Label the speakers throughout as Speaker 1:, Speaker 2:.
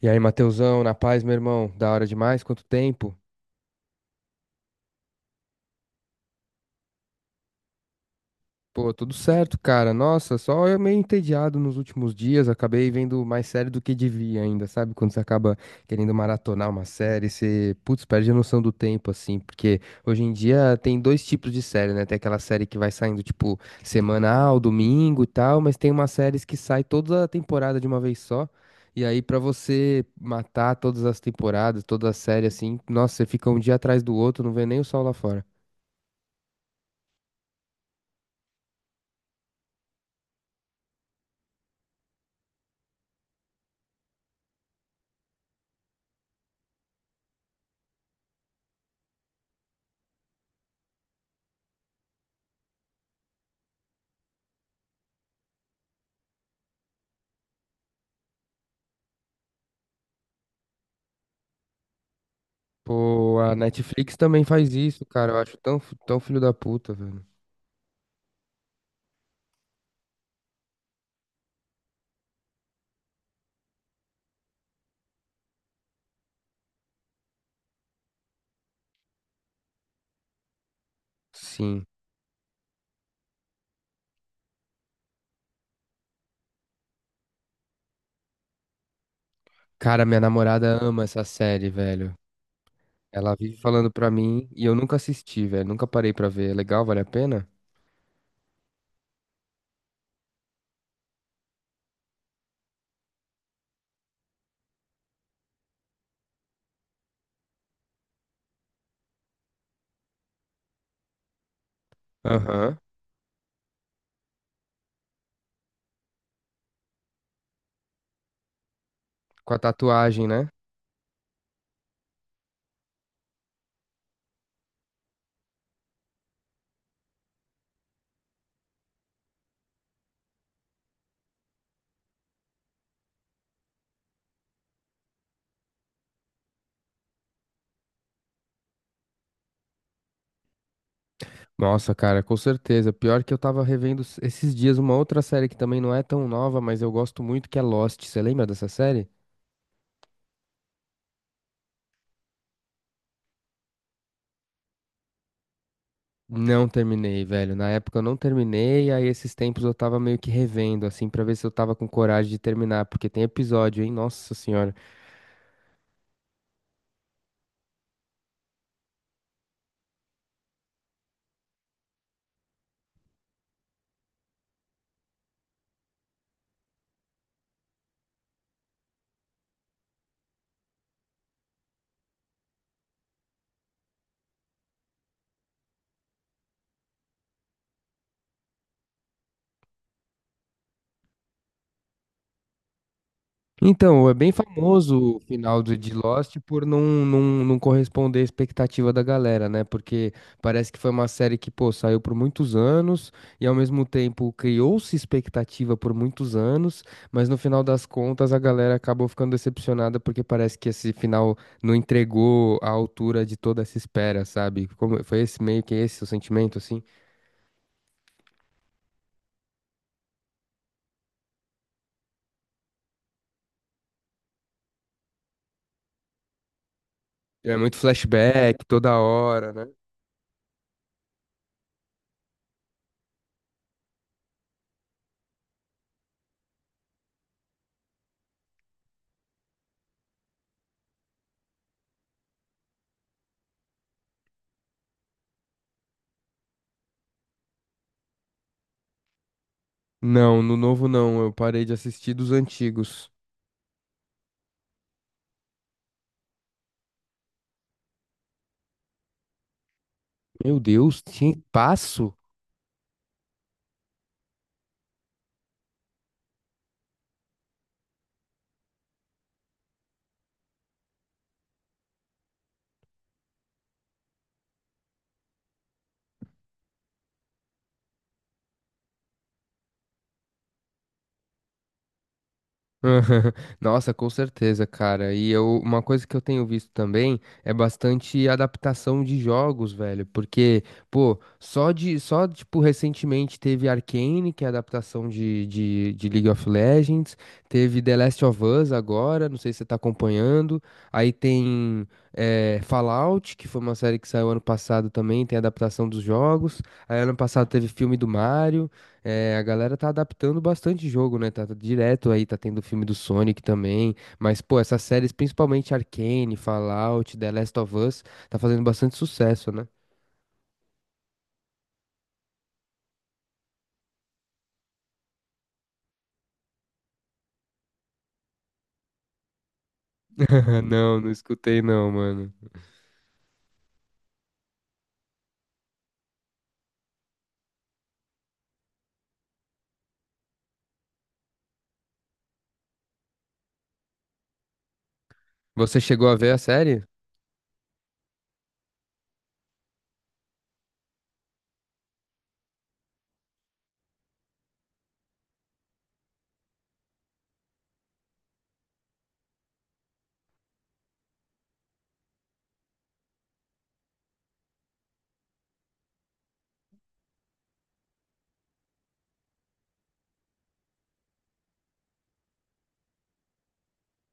Speaker 1: E aí, Mateusão, na paz, meu irmão? Da hora demais? Quanto tempo? Pô, tudo certo, cara. Nossa, só eu meio entediado nos últimos dias. Acabei vendo mais série do que devia ainda, sabe? Quando você acaba querendo maratonar uma série, você, putz, perde a noção do tempo, assim. Porque hoje em dia tem dois tipos de série, né? Tem aquela série que vai saindo, tipo, semanal, domingo e tal, mas tem umas séries que sai toda a temporada de uma vez só. E aí, pra você matar todas as temporadas, toda a série, assim, nossa, você fica um dia atrás do outro, não vê nem o sol lá fora. Pô, a Netflix também faz isso, cara. Eu acho tão, tão filho da puta, velho. Sim. Cara, minha namorada ama essa série, velho. Ela vive falando pra mim e eu nunca assisti, velho. Nunca parei pra ver. É legal, vale a pena? Aham. Com a tatuagem, né? Nossa, cara, com certeza. Pior que eu tava esses dias uma outra série que também não é tão nova, mas eu gosto muito, que é Lost. Você lembra dessa série? Não terminei, velho. Na época eu não terminei, aí esses tempos eu tava meio que revendo, assim, pra ver se eu tava com coragem de terminar, porque tem episódio, hein? Nossa senhora. Então, é bem famoso o final de Lost por não corresponder à expectativa da galera, né? Porque parece que foi uma série que, pô, saiu por muitos anos e ao mesmo tempo criou-se expectativa por muitos anos, mas no final das contas a galera acabou ficando decepcionada porque parece que esse final não entregou à altura de toda essa espera, sabe? Como, foi esse meio que esse o sentimento, assim? É muito flashback toda hora, né? Não, no novo não, eu parei de assistir dos antigos. Meu Deus, tinha passo? Nossa, com certeza, cara. E eu, uma coisa que eu tenho visto também é bastante adaptação de jogos, velho. Porque, pô, tipo, recentemente teve Arcane, que é adaptação de League of Legends. Teve The Last of Us agora, não sei se você tá acompanhando. Aí tem Fallout, que foi uma série que saiu ano passado também, tem adaptação dos jogos. Aí ano passado teve filme do Mario. É, a galera tá adaptando bastante jogo, né? Tá, tá direto aí, tá tendo o filme do Sonic também. Mas, pô, essas séries, principalmente Arcane, Fallout, The Last of Us, tá fazendo bastante sucesso, né? Não, não escutei não, mano. Você chegou a ver a série?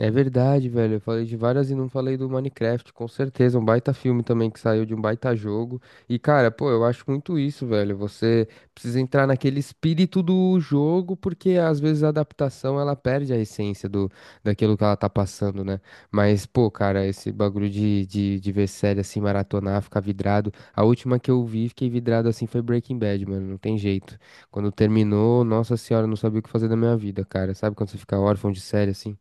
Speaker 1: É verdade, velho. Eu falei de várias e não falei do Minecraft, com certeza. Um baita filme também que saiu de um baita jogo. E, cara, pô, eu acho muito isso, velho. Você precisa entrar naquele espírito do jogo, porque às vezes a adaptação ela perde a essência daquilo que ela tá passando, né? Mas, pô, cara, esse bagulho de ver série assim, maratonar, ficar vidrado. A última que eu vi, fiquei vidrado assim, foi Breaking Bad, mano. Não tem jeito. Quando terminou, nossa senhora, eu não sabia o que fazer da minha vida, cara. Sabe quando você fica órfão de série assim?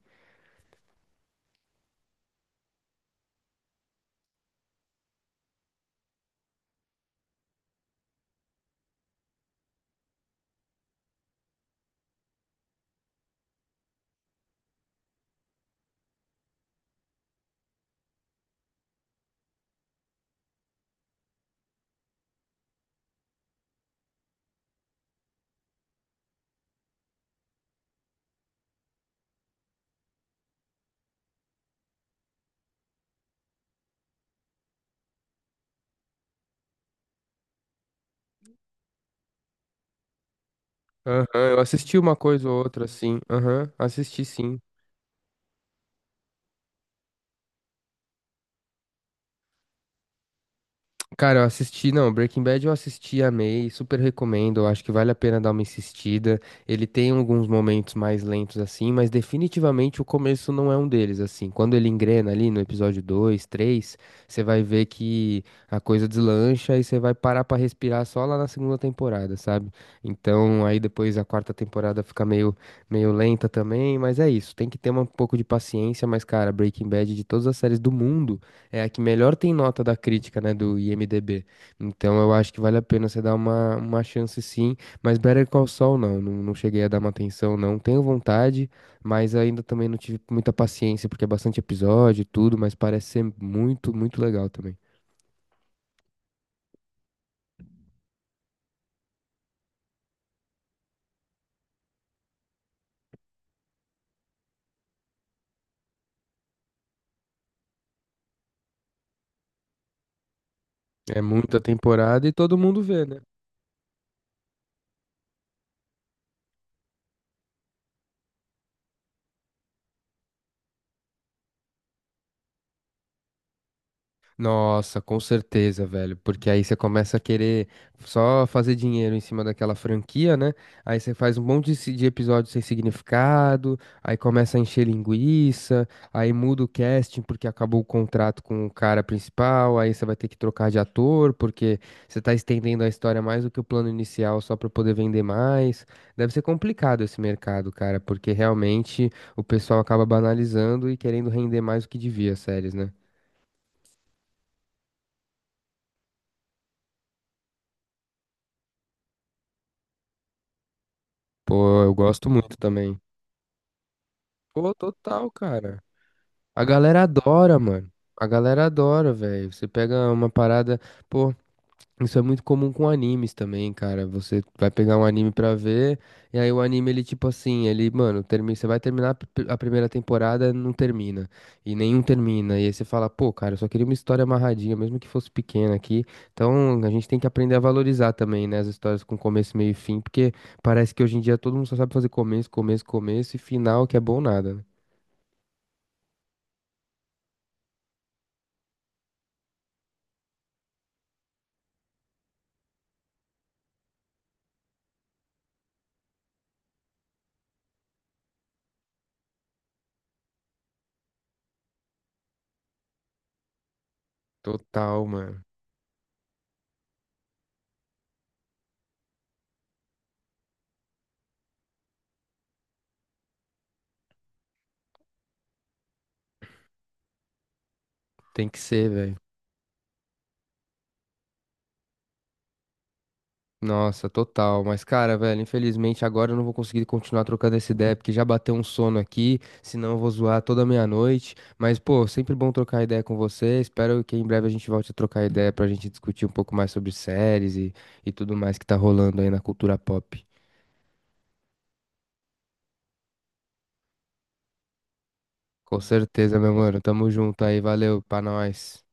Speaker 1: Aham, eu assisti uma coisa ou outra, assim. Aham, assisti sim. Cara, eu assisti, não, Breaking Bad eu assisti, amei, super recomendo, eu acho que vale a pena dar uma insistida. Ele tem alguns momentos mais lentos assim, mas definitivamente o começo não é um deles, assim. Quando ele engrena ali no episódio 2, 3, você vai ver que a coisa deslancha e você vai parar pra respirar só lá na segunda temporada, sabe? Então, aí depois a quarta temporada fica meio lenta também, mas é isso, tem que ter um pouco de paciência, mas cara, Breaking Bad de todas as séries do mundo é a que melhor tem nota da crítica, né, do IMDb. Então eu acho que vale a pena você dar uma chance sim, mas Better Call Saul não cheguei a dar uma atenção não. Tenho vontade, mas ainda também não tive muita paciência, porque é bastante episódio e tudo, mas parece ser muito, muito legal também. É muita temporada e todo mundo vê, né? Nossa, com certeza, velho. Porque aí você começa a querer só fazer dinheiro em cima daquela franquia, né? Aí você faz um monte de episódio sem significado, aí começa a encher linguiça, aí muda o casting porque acabou o contrato com o cara principal, aí você vai ter que trocar de ator porque você tá estendendo a história mais do que o plano inicial só pra poder vender mais. Deve ser complicado esse mercado, cara, porque realmente o pessoal acaba banalizando e querendo render mais do que devia as séries, né? Pô, eu gosto muito também. Pô, total, cara. A galera adora, mano. A galera adora, velho. Você pega uma parada, pô, isso é muito comum com animes também, cara. Você vai pegar um anime pra ver, e aí o anime, ele tipo assim, ele, mano, termina, você vai terminar a primeira temporada, não termina. E nenhum termina. E aí você fala, pô, cara, eu só queria uma história amarradinha, mesmo que fosse pequena aqui. Então, a gente tem que aprender a valorizar também, né, as histórias com começo, meio e fim, porque parece que hoje em dia todo mundo só sabe fazer começo, começo, começo e final que é bom nada, né? Total, mano. Tem que ser, velho. Nossa, total. Mas, cara, velho, infelizmente agora eu não vou conseguir continuar trocando essa ideia, porque já bateu um sono aqui, senão eu vou zoar toda meia-noite. Mas, pô, sempre bom trocar ideia com você. Espero que em breve a gente volte a trocar ideia pra gente discutir um pouco mais sobre séries e tudo mais que tá rolando aí na cultura pop. Com certeza, meu mano. Tamo junto aí. Valeu, pra nós.